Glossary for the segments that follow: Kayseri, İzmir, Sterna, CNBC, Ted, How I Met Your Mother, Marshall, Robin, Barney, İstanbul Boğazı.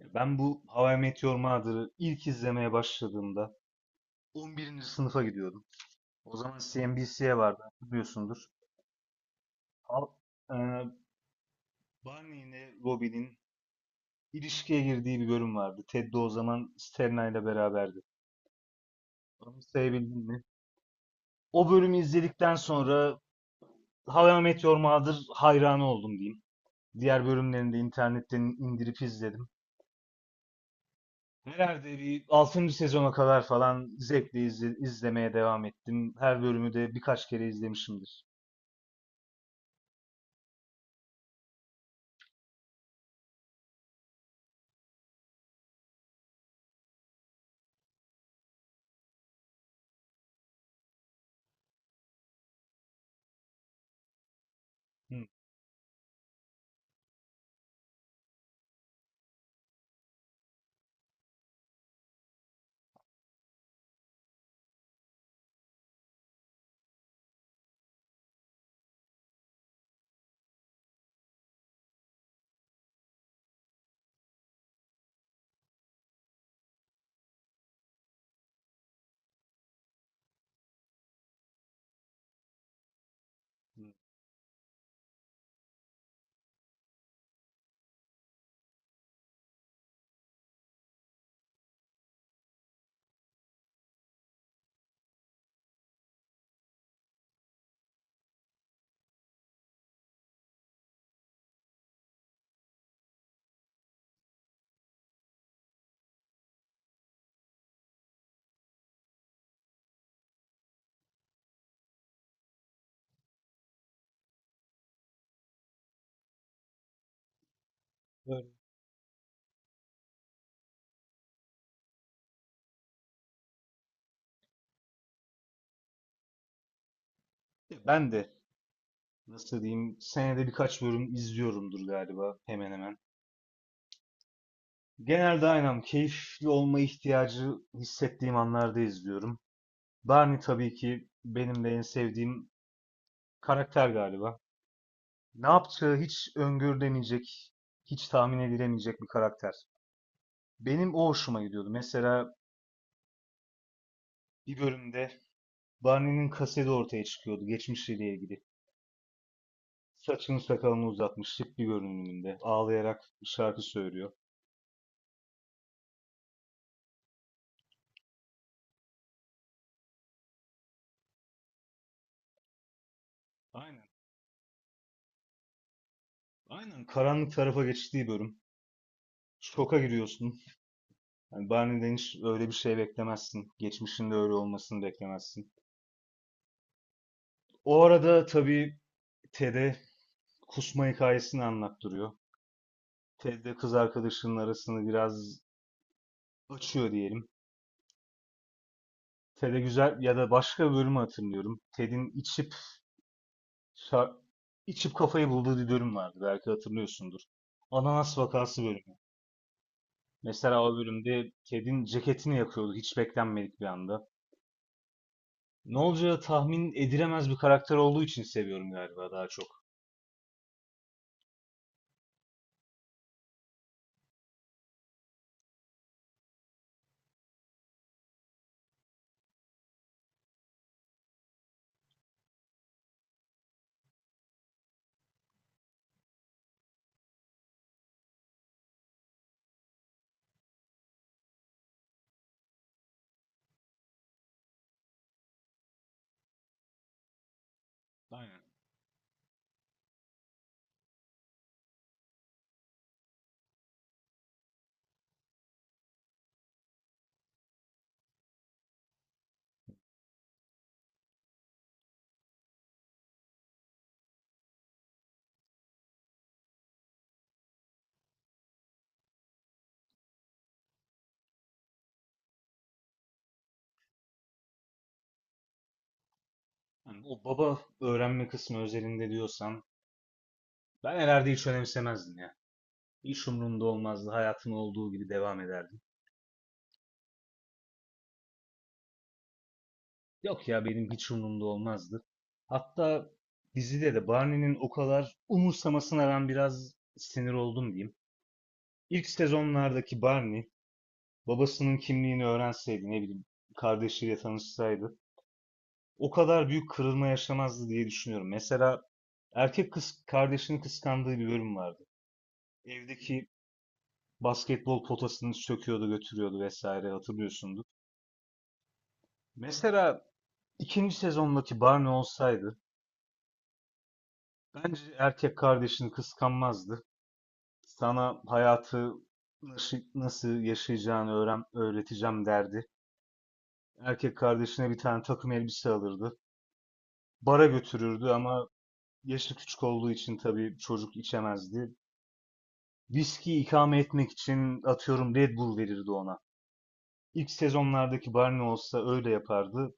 Ya ben bu How I Met Your Mother'ı ilk izlemeye başladığımda 11. sınıfa gidiyordum. O zaman CNBC'ye vardı biliyorsundur. Al, e, Barney ile Robin'in ilişkiye girdiği bir bölüm vardı. Ted de o zaman Sterna ile beraberdi. Onu sevebildin mi? O bölümü izledikten sonra How I Met Your Mother hayranı oldum diyeyim. Diğer bölümlerini de internetten indirip izledim. Herhalde bir 6. sezona kadar falan zevkle izlemeye devam ettim. Her bölümü de birkaç kere izlemişimdir. Hı, hı. Böyle. Ben de nasıl diyeyim, senede birkaç bölüm izliyorumdur galiba, hemen hemen. Genelde aynen keyifli olma ihtiyacı hissettiğim anlarda izliyorum. Barney tabii ki benim de en sevdiğim karakter galiba. Ne yapacağı hiç öngörülemeyecek, hiç tahmin edilemeyecek bir karakter. Benim o hoşuma gidiyordu. Mesela bir bölümde Barney'nin kaseti ortaya çıkıyordu geçmişiyle ilgili. Saçını sakalını uzatmış, şık bir görünümünde. Ağlayarak bir şarkı söylüyor. Aynen. Aynen. Karanlık tarafa geçtiği bölüm. Şoka giriyorsun. Yani Barney'den hiç öyle bir şey beklemezsin. Geçmişinde öyle olmasını beklemezsin. O arada tabii Ted'e kusma hikayesini anlattırıyor. Ted de kız arkadaşının arasını biraz açıyor diyelim. Ted'e güzel ya da başka bölümü hatırlıyorum. Ted'in içip Şa- İçip kafayı bulduğu bir bölüm vardı, belki hatırlıyorsundur. Ananas vakası bölümü. Mesela o bölümde kedin ceketini yakıyordu hiç beklenmedik bir anda. Ne olacağı tahmin edilemez bir karakter olduğu için seviyorum galiba, daha çok. Aynen. Hani o baba öğrenme kısmı özelinde diyorsan ben herhalde hiç önemsemezdim ya. Hiç umurumda olmazdı. Hayatım olduğu gibi devam ederdim. Yok ya, benim hiç umurumda olmazdı. Hatta dizide de Barney'nin o kadar umursamasına ben biraz sinir oldum diyeyim. İlk sezonlardaki Barney babasının kimliğini öğrenseydi, ne bileyim, kardeşiyle tanışsaydı o kadar büyük kırılma yaşamazdı diye düşünüyorum. Mesela erkek kız kardeşini kıskandığı bir bölüm vardı. Evdeki basketbol potasını söküyordu, götürüyordu vesaire, hatırlıyorsundur. Mesela ikinci sezondaki Barney olsaydı bence erkek kardeşini kıskanmazdı. Sana hayatı nasıl yaşayacağını öğreteceğim derdi. Erkek kardeşine bir tane takım elbise alırdı, bara götürürdü ama yaşı küçük olduğu için tabii çocuk içemezdi. Viski ikame etmek için atıyorum Red Bull verirdi ona. İlk sezonlardaki Barney olsa öyle yapardı.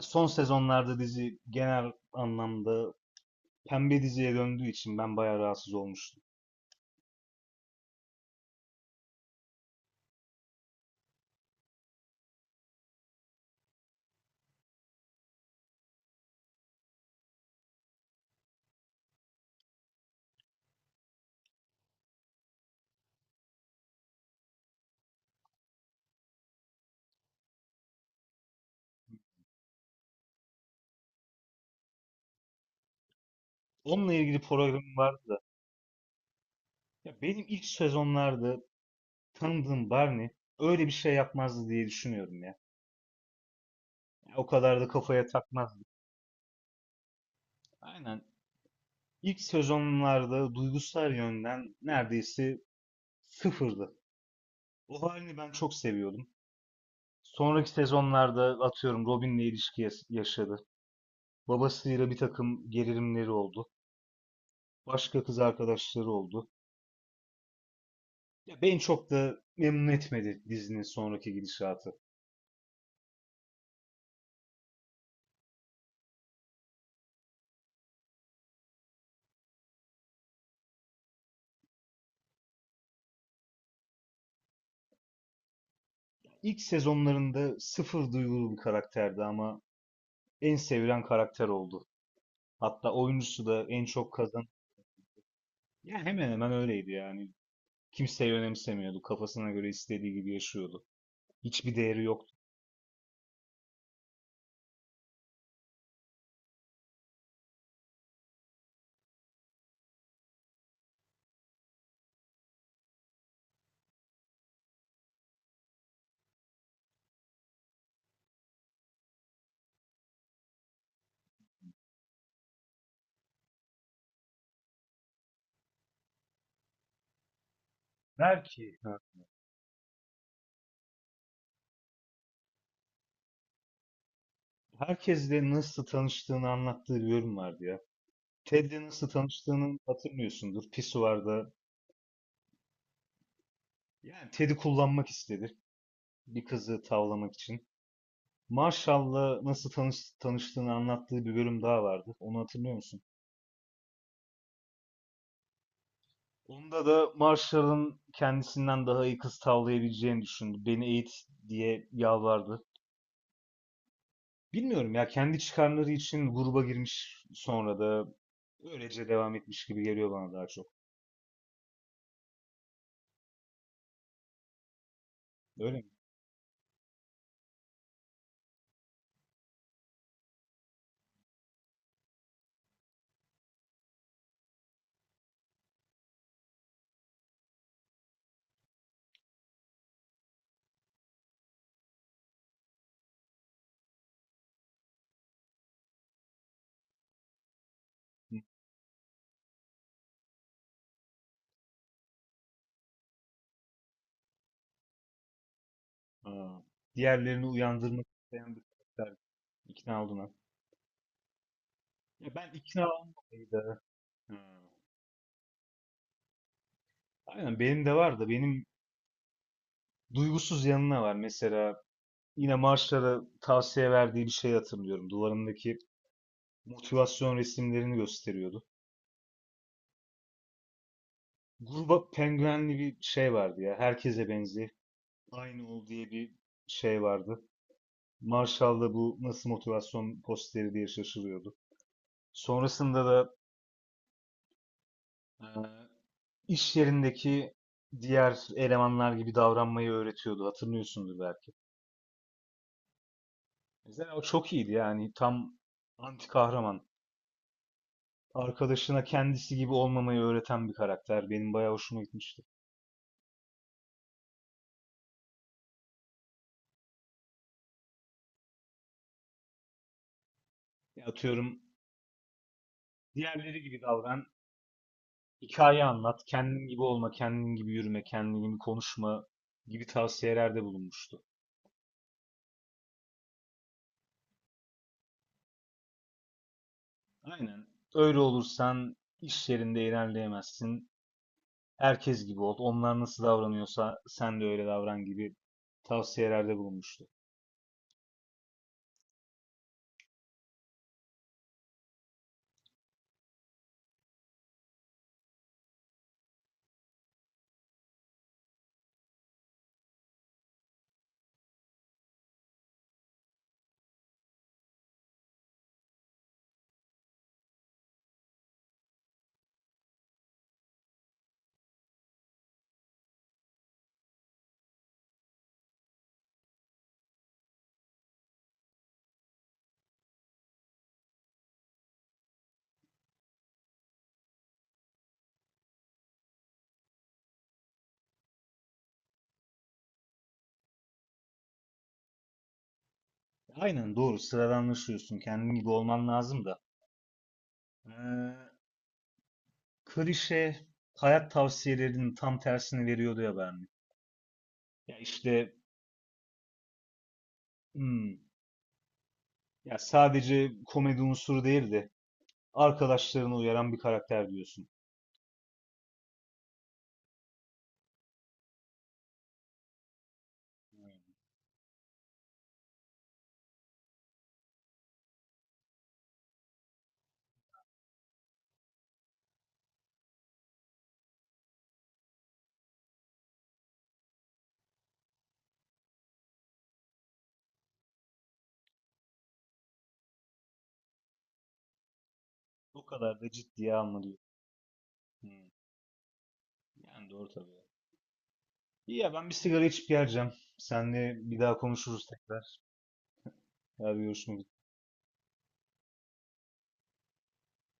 Son sezonlarda dizi genel anlamda pembe diziye döndüğü için ben bayağı rahatsız olmuştum. Onunla ilgili programım vardı da. Ya benim ilk sezonlarda tanıdığım Barney öyle bir şey yapmazdı diye düşünüyorum ya. O kadar da kafaya takmazdı. Aynen. İlk sezonlarda duygusal yönden neredeyse sıfırdı. O halini ben çok seviyordum. Sonraki sezonlarda atıyorum Robin'le ilişki yaşadı. Babasıyla bir takım gerilimleri oldu. Başka kız arkadaşları oldu. Ya beni çok da memnun etmedi dizinin sonraki gidişatı. İlk sezonlarında sıfır duygulu bir karakterdi ama en sevilen karakter oldu. Hatta oyuncusu da en çok kazan. Ya hemen hemen öyleydi yani. Kimseyi önemsemiyordu. Kafasına göre istediği gibi yaşıyordu. Hiçbir değeri yoktu. Belki. Herkesle nasıl tanıştığını anlattığı bir bölüm vardı ya. Ted'le nasıl tanıştığını hatırlıyorsundur. Pisuvarda, yani Ted'i kullanmak istedi bir kızı tavlamak için. Marshall'la nasıl tanıştığını anlattığı bir bölüm daha vardı. Onu hatırlıyor musun? Onda da Marshall'ın kendisinden daha iyi kız tavlayabileceğini düşündü. Beni eğit diye yalvardı. Bilmiyorum ya, kendi çıkarları için gruba girmiş sonra da öylece devam etmiş gibi geliyor bana daha çok. Öyle mi? Aa, diğerlerini uyandırmak isteyen bir karakter. İkna oldun ha. Ya ben ikna olmalıydı. Ha. Aynen benim de var da, benim duygusuz yanına var. Mesela yine Marshall'a tavsiye verdiği bir şey hatırlıyorum. Duvarındaki motivasyon resimlerini gösteriyordu. Gruba penguenli bir şey vardı ya. Herkese benziyor. Aynı ol diye bir şey vardı. Marshall da bu nasıl motivasyon posteri diye şaşırıyordu. Sonrasında da iş yerindeki diğer elemanlar gibi davranmayı öğretiyordu. Hatırlıyorsundur belki. Mesela o çok iyiydi, yani tam anti kahraman. Arkadaşına kendisi gibi olmamayı öğreten bir karakter. Benim bayağı hoşuma gitmişti. Ya atıyorum diğerleri gibi davran, hikaye anlat, kendin gibi olma, kendin gibi yürüme, kendin gibi konuşma gibi tavsiyelerde bulunmuştu. Aynen. Öyle olursan iş yerinde ilerleyemezsin. Herkes gibi ol. Onlar nasıl davranıyorsa sen de öyle davran gibi tavsiyelerde bulunmuştu. Aynen doğru. Sıradanlaşıyorsun. Kendin gibi olman lazım da. Ee, klişe hayat tavsiyelerinin tam tersini veriyordu ya Berni. Ya işte hmm, ya sadece komedi unsuru değil de arkadaşlarını uyaran bir karakter diyorsun. O kadar da ciddiye alma diyor. Hmm, yani doğru tabii. İyi ya, ben bir sigara içip geleceğim. Seninle bir daha konuşuruz tekrar. Ya, bir görüşmek üzere.